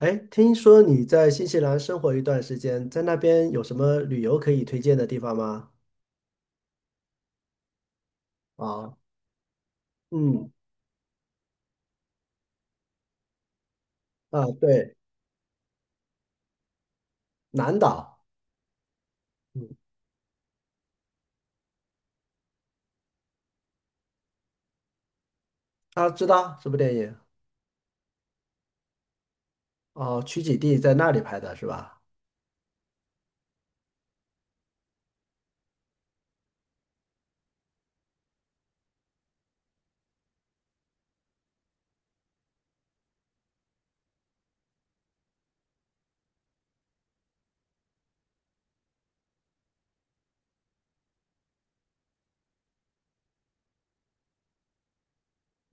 哎，听说你在新西兰生活一段时间，在那边有什么旅游可以推荐的地方吗？啊。嗯。啊，对。南岛。嗯。啊，知道什么电影？哦，取景地在那里拍的是吧？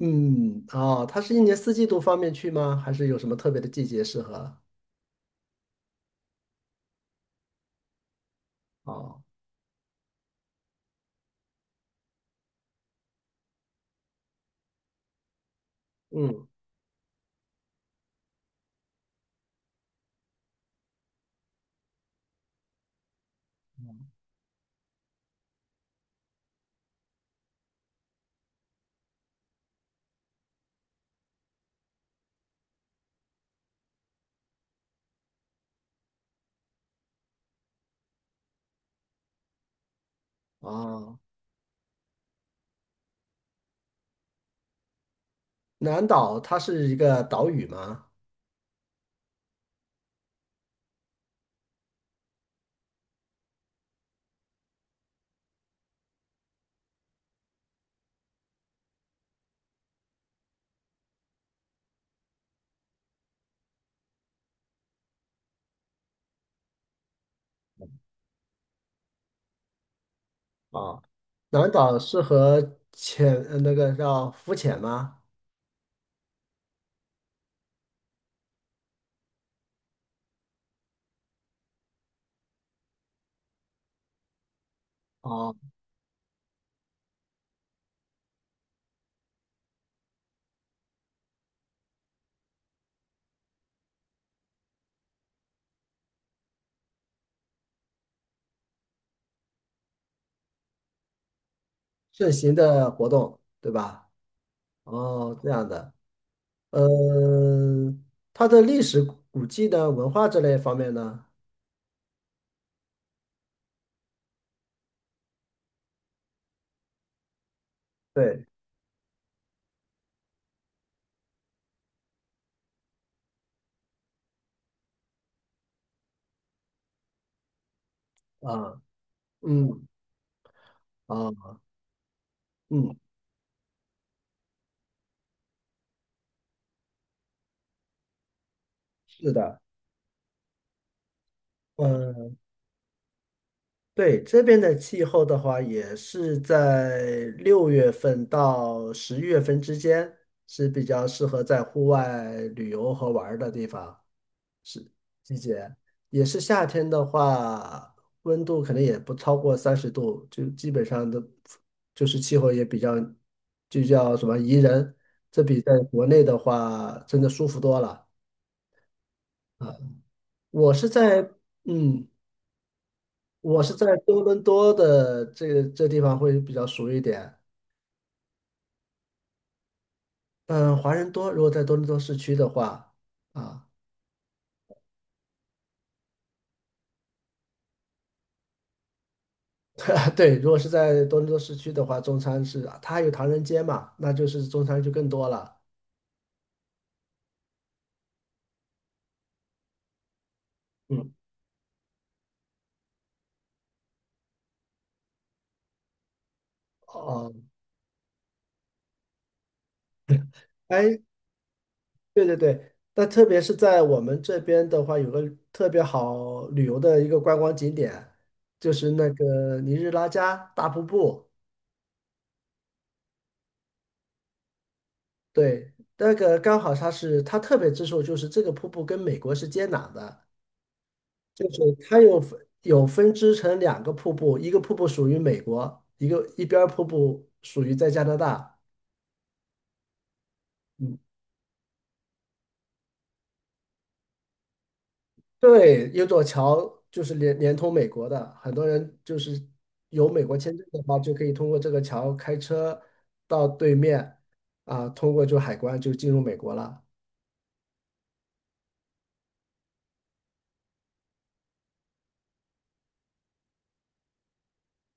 嗯。哦，它是一年四季都方便去吗？还是有什么特别的季节适合？哦。嗯。哦，南岛它是一个岛屿吗？哦，南岛适合那个叫浮潜吗？哦。盛行的活动，对吧？哦，这样的。嗯，它的历史古迹呢，文化这类方面呢？对。啊。嗯。啊。嗯。是的。嗯。对，这边的气候的话，也是在6月份到11月份之间，是比较适合在户外旅游和玩儿的地方。季节，也是夏天的话，温度可能也不超过30度，就基本上都就是气候也比较，就叫什么宜人，这比在国内的话真的舒服多了。啊。我是在，嗯，我是在多伦多的这个这地方会比较熟一点。嗯，华人多，如果在多伦多市区的话啊。对，如果是在多伦多市区的话，中餐是它还有唐人街嘛，那就是中餐就更多了。嗯。哦。哎，对对对，那特别是在我们这边的话，有个特别好旅游的一个观光景点，就是那个尼日拉加大瀑布。对，那个刚好它特别之处就是这个瀑布跟美国是接壤的，就是它有分支成两个瀑布，一个瀑布属于美国，一边儿瀑布属于在加拿大。嗯。对，有座桥就是连通美国的，很多人就是有美国签证的话，就可以通过这个桥开车到对面啊，通过就海关就进入美国了。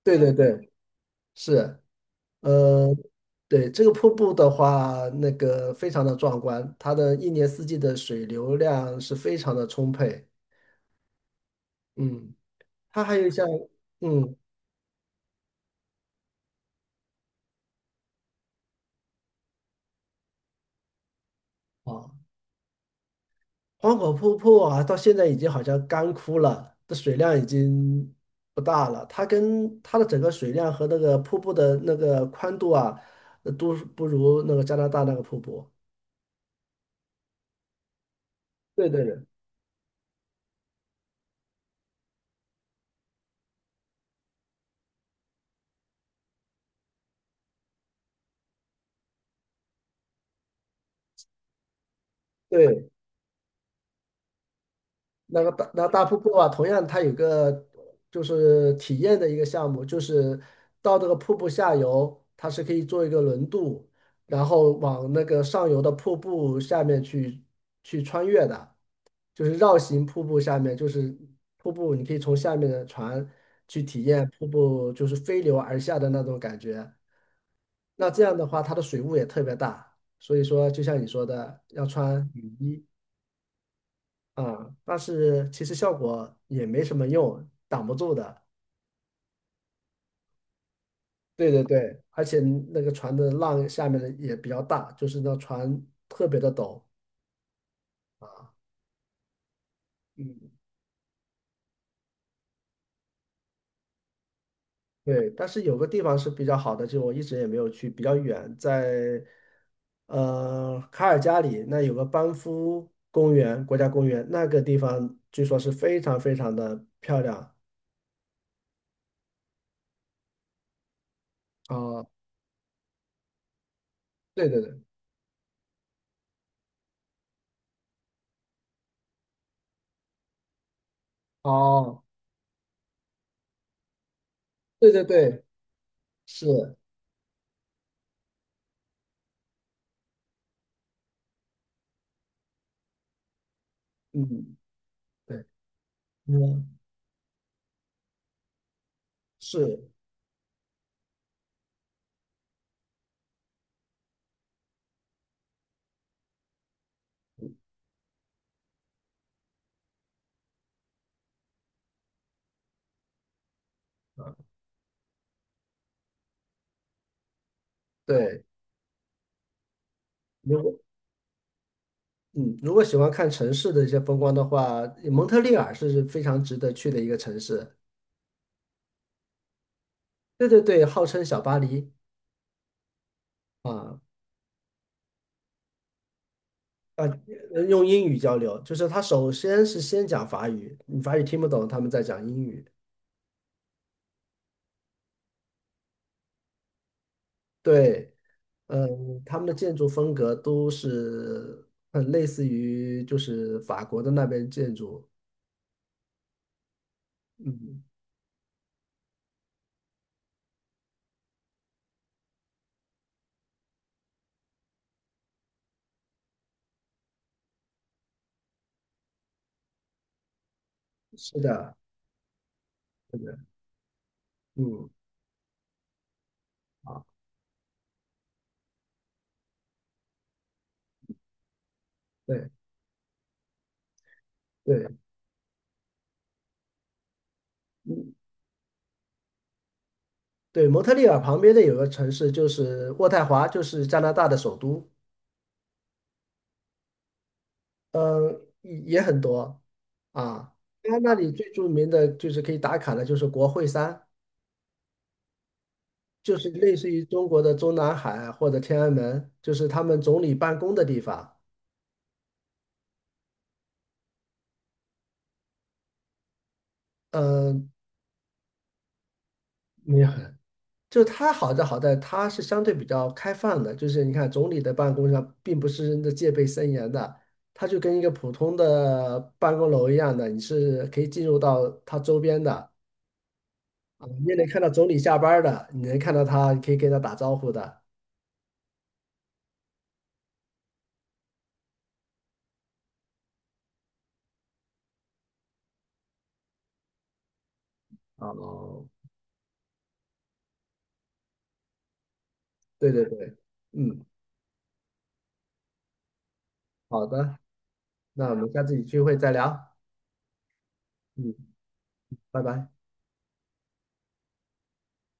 对对对，是。呃，对，这个瀑布的话，那个非常的壮观，它的一年四季的水流量是非常的充沛。嗯，它还有像，嗯，好。黄河瀑布啊，到现在已经好像干枯了，这水量已经不大了。它跟它的整个水量和那个瀑布的那个宽度啊，都不如那个加拿大那个瀑布。对对对，对那个大那大瀑布啊，同样它有个就是体验的一个项目，就是到这个瀑布下游，它是可以做一个轮渡，然后往那个上游的瀑布下面去穿越的，就是绕行瀑布下面，就是瀑布，你可以从下面的船去体验瀑布就是飞流而下的那种感觉。那这样的话，它的水雾也特别大，所以说就像你说的，要穿雨衣。啊，但是其实效果也没什么用，挡不住的。对对对，而且那个船的浪下面的也比较大，就是那船特别的陡啊。嗯，对，但是有个地方是比较好的，就我一直也没有去，比较远，在卡尔加里那有个班夫公园，国家公园，那个地方据说是非常非常的漂亮啊。对对对。哦，对对对，是。嗯。对。嗯，是。啊，对。如果，嗯，如果喜欢看城市的一些风光的话，蒙特利尔是非常值得去的一个城市。对对对，号称小巴黎啊。啊，用英语交流，就是他首先是先讲法语，你法语听不懂，他们在讲英语。对。嗯，他们的建筑风格都是很类似于就是法国的那边建筑。嗯，是的。是的。嗯。啊，对对。嗯，对，蒙特利尔旁边的有个城市就是渥太华，就是加拿大的首都。嗯，也很多啊。它那里最著名的就是可以打卡的，就是国会山，就是类似于中国的中南海或者天安门，就是他们总理办公的地方。嗯，没有很。就它好在它是相对比较开放的，就是你看总理的办公上并不是真的戒备森严的，它就跟一个普通的办公楼一样的，你是可以进入到它周边的。啊，你也能看到总理下班儿的，你能看到他，你可以跟他打招呼的。哦，对对对。嗯，好的。那我们下次有机会再聊。嗯，拜拜。